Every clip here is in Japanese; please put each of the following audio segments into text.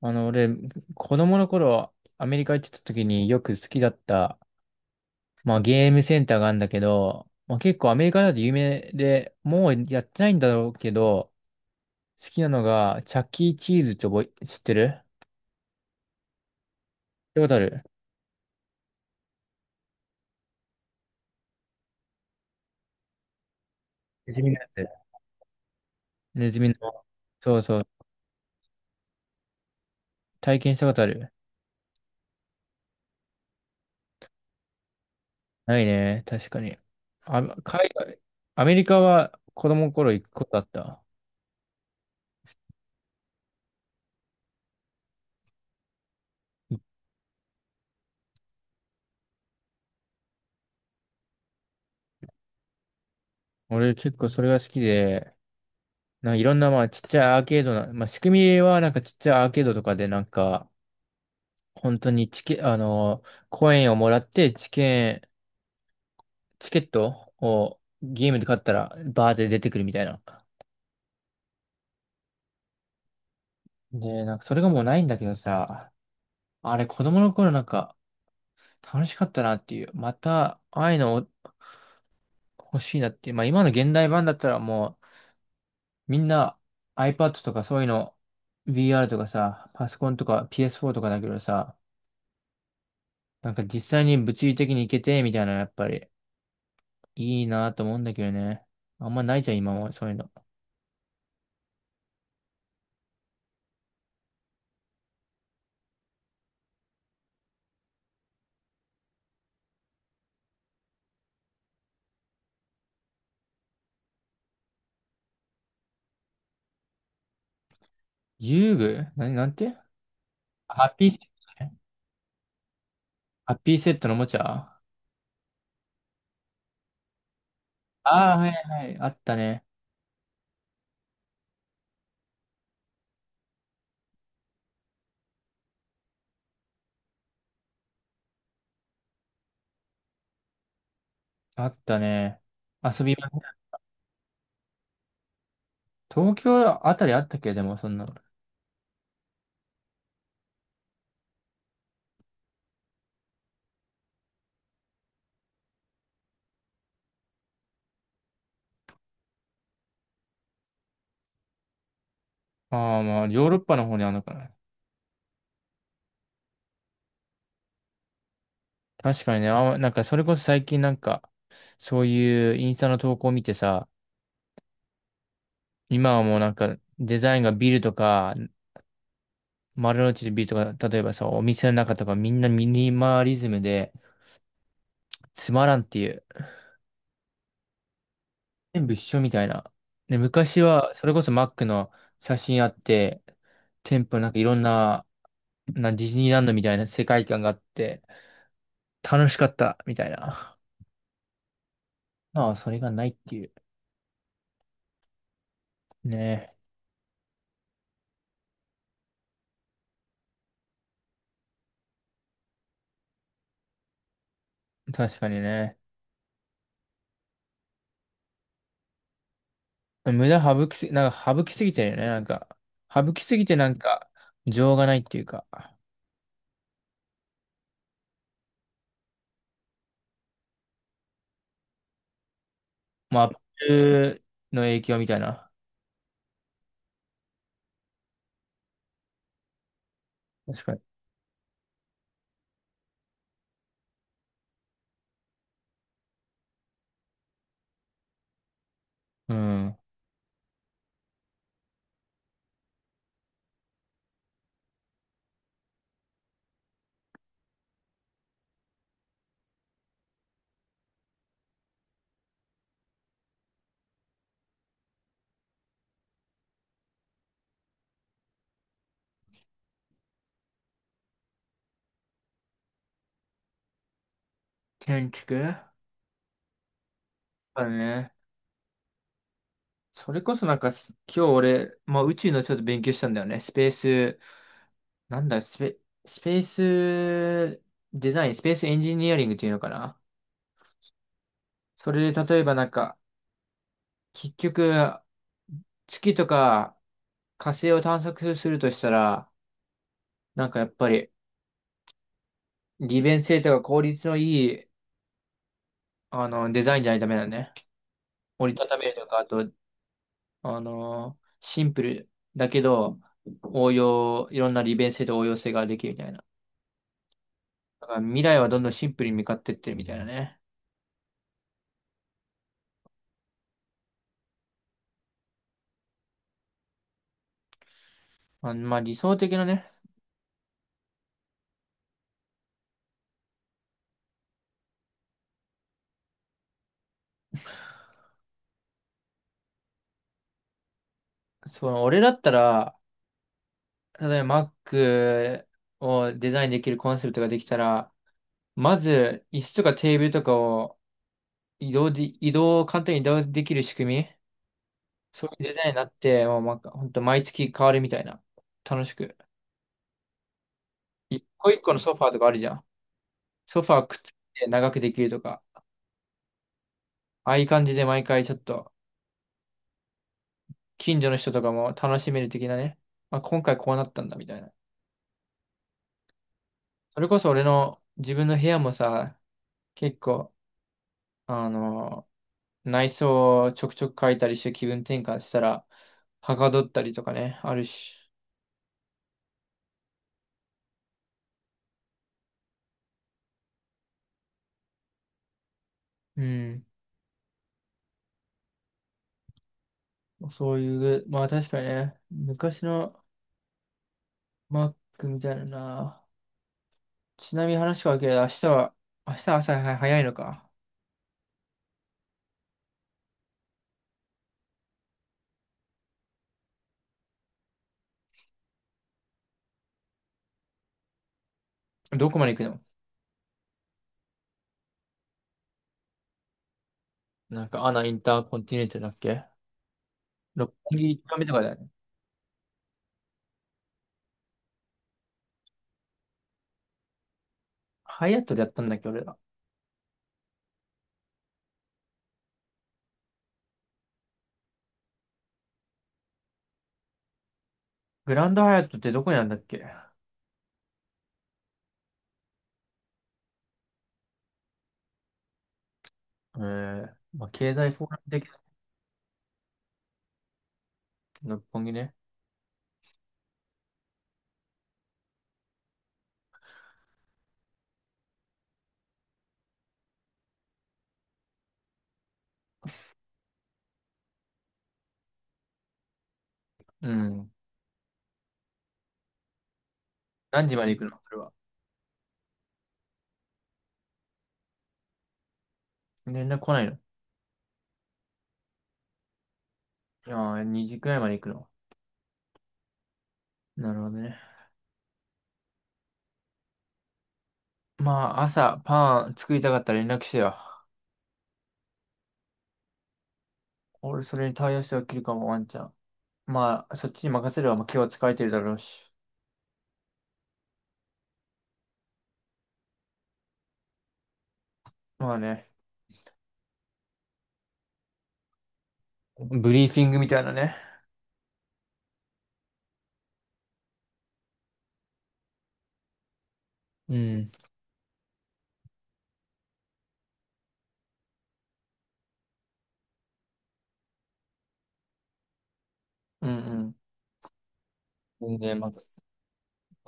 俺、子供の頃、アメリカ行ってた時によく好きだった、まあゲームセンターがあるんだけど、まあ結構アメリカだと有名で、もうやってないんだろうけど、好きなのが、チャッキーチーズって知ってる？聞いたことある？ネズミのやつ。ネズミの。そうそう。体験したことある？ないね。確かに。あ、アメリカは子供の頃行くことあった。俺結構それが好きで、なんかいろんな、まあ、ちっちゃいアーケードな、まあ、仕組みは、なんかちっちゃいアーケードとかで、なんか、本当にチケ、あの、コインをもらって、チケットをゲームで買ったら、バーって出てくるみたいな。で、なんか、それがもうないんだけどさ、あれ、子供の頃なんか、楽しかったなっていう、また、ああいうの欲しいなっていう、まあ、今の現代版だったらもう、みんな iPad とかそういうの、VR とかさ、パソコンとか PS4 とかだけどさ、なんか実際に物理的に行けて、みたいな、やっぱり、いいなと思うんだけどね。あんまないじゃん、今は、そういうの。遊具何、なんて？ハッピーセットね。ハッピーセットのおもちゃああー、はいはい。あったね。あったね。遊びました。東京あたりあったっけ？でも、そんなの。ああ、まあ、ヨーロッパの方にあるのかな。確かにね、あ、なんか、それこそ最近なんか、そういうインスタの投稿を見てさ、今はもうなんか、デザインがビルとか、丸の内でビートが、例えばさ、お店の中とかみんなミニマリズムで、つまらんっていう。全部一緒みたいな。で、昔は、それこそマックの写真あって、店舗なんかいろんな、ディズニーランドみたいな世界観があって、楽しかった、みたいな。まあ、それがないっていう。ねえ確かにね。無駄省きすぎ、なんか省きすぎてるよね。なんか、省きすぎてなんか、情がないっていうか。まあ、アップルの影響みたいな。確かに。うん。建築だね。それこそなんか今日俺、まあ宇宙のちょっと勉強したんだよね。スペース、なんだ、スペースデザイン、スペースエンジニアリングっていうのかな。それで例えばなんか、結局、月とか火星を探索するとしたら、なんかやっぱり利便性とか効率のいい、デザインじゃないとダメだね。折りたためるとか、あとシンプルだけど、応用、いろんな利便性と応用性ができるみたいな。だから未来はどんどんシンプルに向かってってるみたいなね。まあ、理想的なね、俺だったら、例えば Mac をデザインできるコンセプトができたら、まず椅子とかテーブルとかを移動を簡単に移動できる仕組み、そういうデザインになって、もうほんと毎月変わるみたいな。楽しく。一個一個のソファーとかあるじゃん。ソファーくっつけて長くできるとか。ああいう感じで毎回ちょっと、近所の人とかも楽しめる的なね。まあ、今回こうなったんだ、みたいな。それこそ俺の自分の部屋もさ、結構、あの、内装をちょくちょく変えたりして気分転換したら、はかどったりとかね、あるし。うん。そういう、まあ確かにね、昔の Mac みたいなな。ちなみに話がわるけど、明日朝早いのか？どこまで行くの？なんか、アナインターコンティネンタルだっけ？六本木目とかだよね？ハイアットでやったんだっけ、俺ら？グランドハイアットってどこにあるんだっけ？まあ、経済フォーラム的な？六本木ね。うん。何時まで行くのそれは？連絡来ないの？ああー、2時くらいまで行くの？なるほどね。まあ、朝、パン作りたかったら連絡してよ。俺、それに対応して起きるかも、ワンちゃん。まあ、そっちに任せれば、まあ、今日は疲れてるだろうし。まあね、ブリーフィングみたいなね。うん。うんうん。で、まあ、飛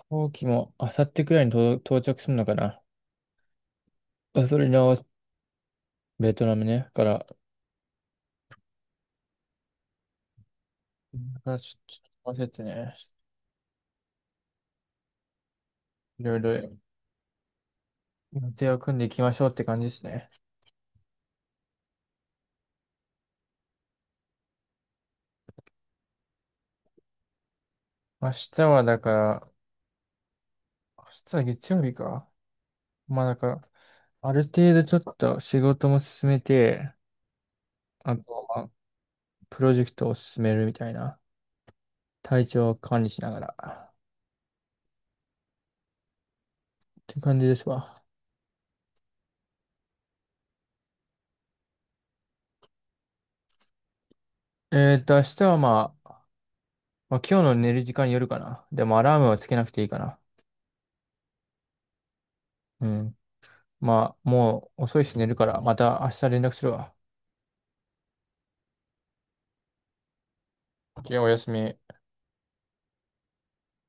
行機も、あさってくらいに到着するのかな。あそれに合わせ、ベトナムね。から、あ、ちょっと、焦っててね、いろいろ予定を組んでいきましょうって感じですね。明日はだから、明日は月曜日か。まあだから、ある程度ちょっと仕事も進めて、あとはプロジェクトを進めるみたいな、体調を管理しながら、って感じですわ。明日はまあ、今日の寝る時間によるかな。でもアラームはつけなくていいかな。うん。まあ、もう遅いし寝るから、また明日連絡するわ。OK、おやすみ。